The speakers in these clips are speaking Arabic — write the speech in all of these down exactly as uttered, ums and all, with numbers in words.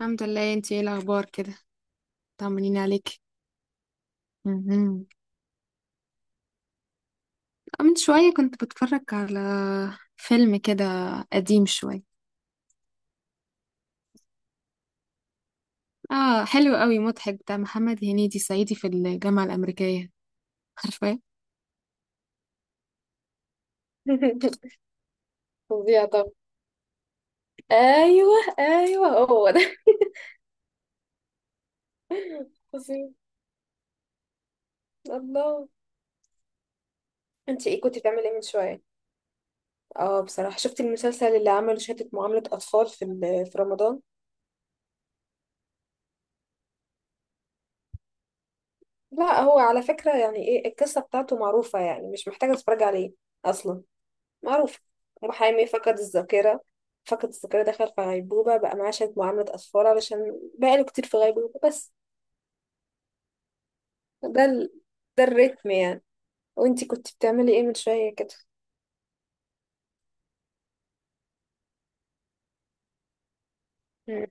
الحمد لله، انتي ايه الاخبار كده؟ طمنيني عليك. مهم. من شويه كنت بتفرج على فيلم كده قديم شويه. اه، حلو قوي، مضحك، بتاع محمد هنيدي، صعيدي في الجامعه الامريكيه، عارفاه؟ فظيع طبعا. ايوه. ايوه، هو ده. فظيع. الله. انت ايه، كنت بتعملي ايه من شويه؟ اه، بصراحه شفت المسلسل اللي عمله شهاده، معامله اطفال، في ال- في رمضان. لا، هو على فكره يعني ايه، القصه بتاعته معروفه، يعني مش محتاجه اتفرج عليه اصلا، معروف. محامي فقد الذاكرة، فقد الذاكرة، دخل في غيبوبة، بقى معاه شوية معاملة أطفال علشان بقاله كتير في غيبوبة بس. ده ال... ده الريتم يعني. وانتي كنت بتعملي ايه من شوية كده؟ مم.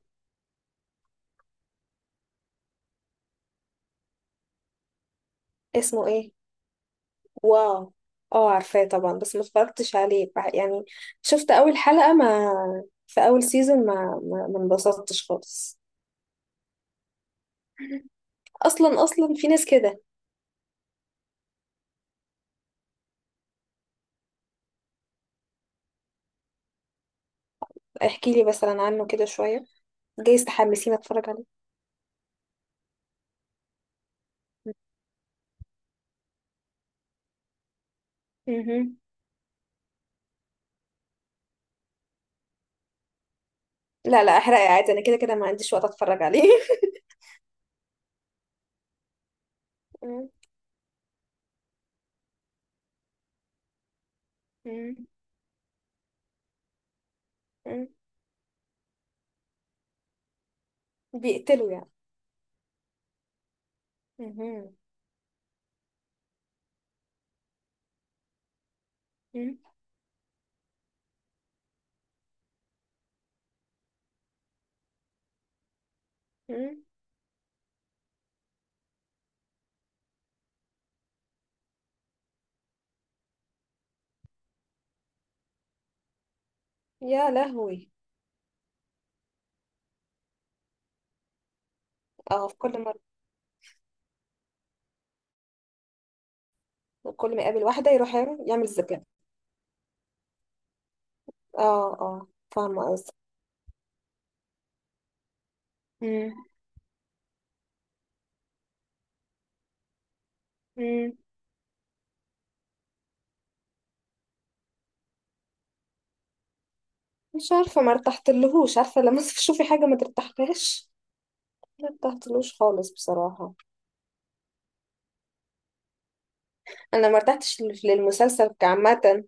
اسمه ايه؟ واو. اه عارفاه طبعا، بس ما اتفرجتش عليه بح- يعني. شفت أول حلقة ما في أول سيزون، ما ما ما انبسطتش خالص. أصلا، أصلا في ناس كده. احكي لي مثلا عنه كده شوية، جايز تحمسيني أتفرج عليه. مهم. لا لا احرقي عادي، انا كده كده ما عنديش وقت اتفرج عليه. مم، مم، مم. بيقتلوا يعني؟ مهم، مم، مم. يا لهوي. اه في كل مرة. كل ما يقابل واحدة يروح يعمل ذكاء. اه اه، فاهمة قصدك. مم، مم. مش عارفة، ما ارتحتلهوش. عارفة لما تشوفي حاجة ما ترتاحلهاش؟ ما ارتحتلوش خالص بصراحة. انا ما ارتحتش لل- للمسلسل كعامة.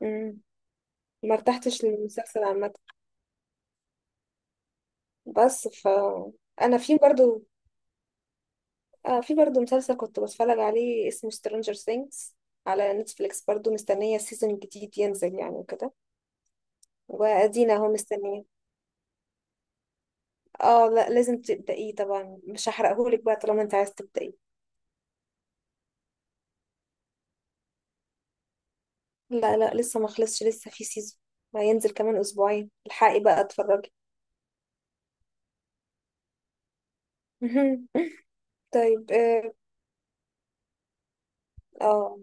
مم. ما ارتحتش للمسلسل عامة. بس ف انا في برضو، آه في برضو مسلسل كنت بتفرج عليه اسمه Stranger Things على نتفليكس برضو، مستنية سيزون جديد ينزل يعني وكده. وأدينا اهو مستنية. اه لا، لازم تبدأيه طبعا، مش هحرقهولك بقى طالما انت عايز تبدأيه. لا لا لسه ما خلصش، لسه في سيزون ما ينزل كمان أسبوعين، الحقي بقى اتفرجي. طيب. اه. آه،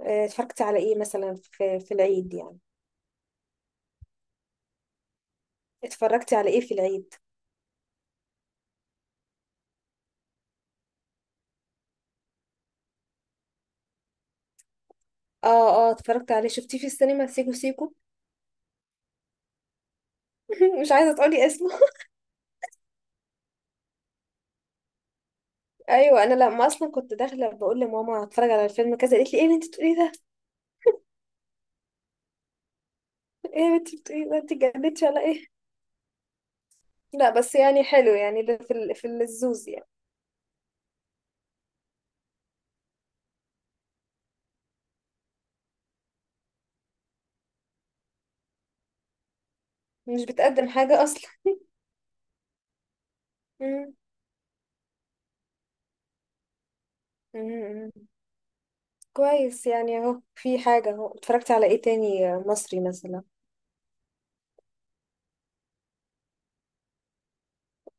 آه، اتفرجتي على ايه مثلا في في العيد يعني؟ اتفرجتي على ايه في العيد؟ اه اه، اتفرجت عليه، شفتيه في السينما، سيكو سيكو. مش عايزة تقولي اسمه؟ ايوه، انا لما اصلا كنت داخله بقول لماما هتفرج على الفيلم كذا، قالت لي ايه اللي انت بتقولي ده؟ ايه اللي انت بتقولي ده، انت اتجننتي ولا ايه؟ لا بس يعني حلو يعني، ده في ال- في الزوز يعني. مش بتقدم حاجه اصلا. مم. مم. كويس يعني، اهو في حاجه اهو. اتفرجتي على ايه تاني مصري مثلا؟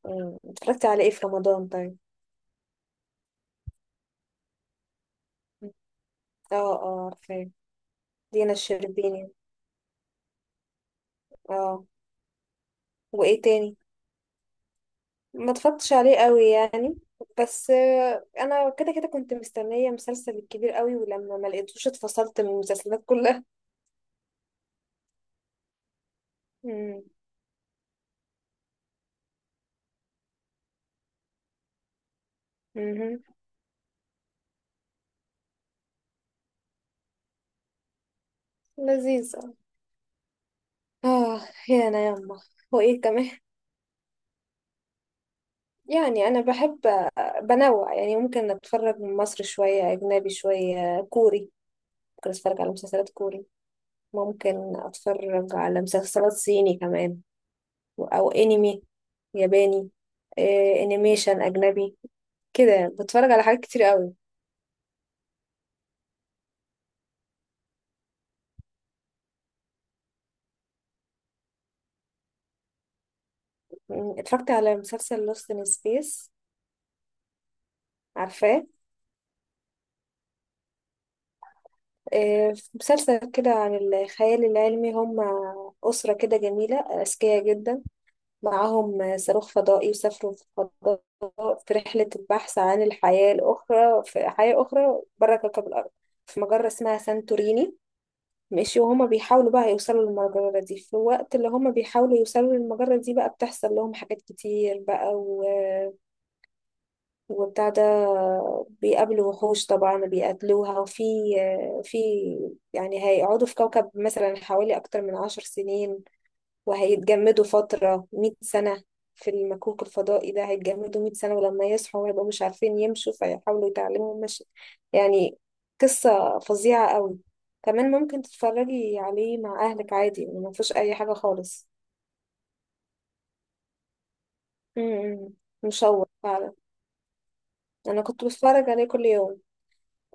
مم. اتفرجتي على ايه في رمضان طيب؟ اه، اه عارفاه، دينا الشربيني. اه. وايه تاني؟ ما اتفرجتش عليه قوي يعني. بس آه، انا كده كده كنت مستنيه مسلسل الكبير قوي، ولما ما لقيتوش اتفصلت من المسلسلات كلها. امم. امم. لذيذ. اه. يا انا يما. وايه كمان؟ يعني انا بحب آه، بنوع يعني، ممكن اتفرج من مصر شويه، اجنبي شويه، كوري. ممكن اتفرج على مسلسلات كوري. ممكن اتفرج على مسلسلات صيني كمان. او انمي ياباني. آه، انيميشن اجنبي. كده يعني، بتفرج على حاجات كتير قوي. مم، اتفرجت على مسلسل Lost in Space، عارفاه؟ آه، مسلسل كده عن الخيال العلمي. هم أسرة كده جميلة، أذكياء جدا، معاهم صاروخ فضائي وسافروا في الفضاء في رحلة البحث عن الحياة الأخرى، في حياة أخرى بره كوكب الأرض، في مجرة اسمها سانتوريني. ماشي؟ وهما بيحاولوا بقى يوصلوا للمجرة دي، في الوقت اللي هما بيحاولوا يوصلوا للمجرة دي بقى بتحصل لهم حاجات كتير بقى، وبتاع ده. بيقابلوا وحوش طبعا وبيقتلوها، وفي في يعني هيقعدوا في كوكب مثلا حوالي أكتر من عشر سنين، وهيتجمدوا فترة مئة سنة، في المكوك الفضائي ده هيتجمدوا مئة سنة، ولما يصحوا هيبقوا مش عارفين يمشوا، فيحاولوا يتعلموا المشي يعني. قصة فظيعة قوي. كمان ممكن تتفرجي عليه مع أهلك عادي، ما فيهوش أي حاجة خالص. م- م. مشوق فعلا. أنا كنت بتفرج عليه كل يوم.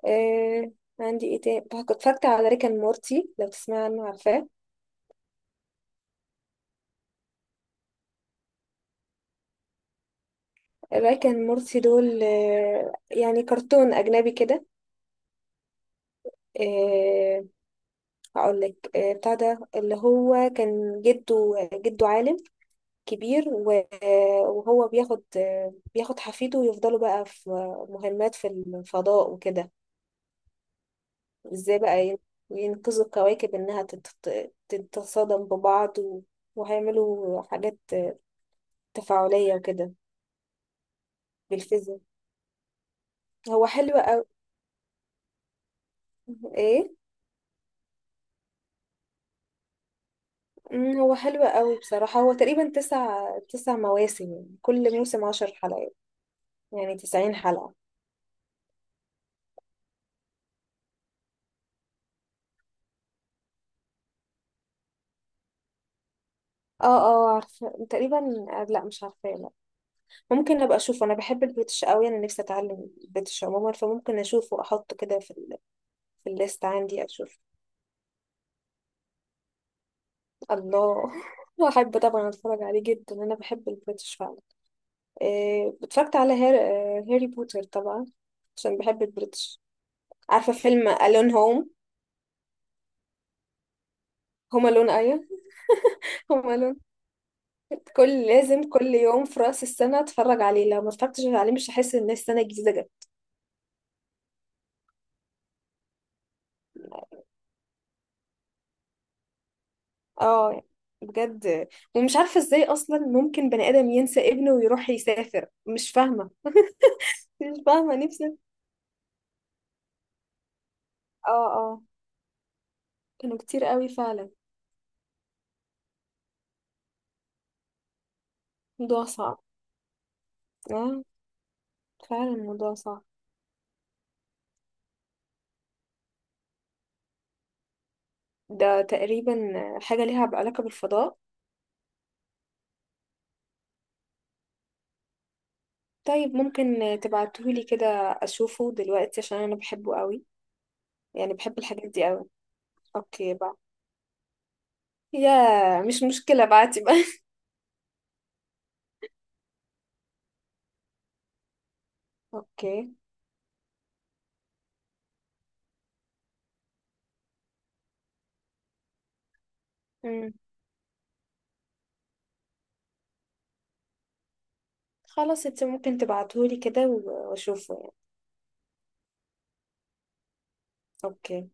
آه. عندي ايه تاني بقى؟ كنت اتفرجت على ريك اند مورتي، لو تسمع عنه، عارفاه؟ ريك اند مورتي دول آه، يعني كرتون اجنبي كده. آه هقول لك، آه بتاع ده اللي هو كان جده جده عالم كبير، و- آه، وهو بياخد، آه بياخد حفيده، ويفضلوا بقى في مهمات في الفضاء وكده. ازاي بقى ين- ينقذوا الكواكب انها تت- تتصادم ببعض، و- وهيعملوا حاجات تفاعلية وكده بالفيزياء. هو حلو قوي. ايه؟ مم، هو حلو قوي بصراحة. هو تقريبا تسع تسع مواسم يعني. كل موسم عشر حلقات، يعني تسعين حلقة. اه اه عارفة تقريبا. آه، لا مش عارفة، لا. ممكن ابقى اشوفه، انا بحب البريتش قوي، انا نفسي اتعلم البريتش عموما، فممكن اشوفه واحطه كده في ال... في الليست عندي اشوف. الله. احب طبعا اتفرج عليه جدا، انا بحب البريتش فعلا. إيه اتفرجت على هير... آه، هاري بوتر طبعا، عشان بحب البريتش. عارفة فيلم ألون هوم؟ هوم ألون. وماله؟ كل، لازم كل يوم في رأس السنة اتفرج عليه، لو ما اتفرجتش عليه مش هحس ان السنة الجديدة جت. اه، بجد. ومش عارفة ازاي اصلا ممكن بني ادم ينسى ابنه ويروح يسافر، مش فاهمة. مش فاهمة نفسي. اه اه، كانوا كتير قوي فعلا. موضوع صعب. اه، فعلا موضوع صعب. ده تقريبا حاجة ليها علاقة بالفضاء؟ طيب ممكن تبعتهولي كده أشوفه دلوقتي عشان أنا بحبه قوي، يعني بحب الحاجات دي قوي. أوكي بقى. يا مش مشكلة، بعتي بقى. اوكي. امم. خلاص، انت ممكن تبعتهولي كده و- واشوفه يعني. اوكي.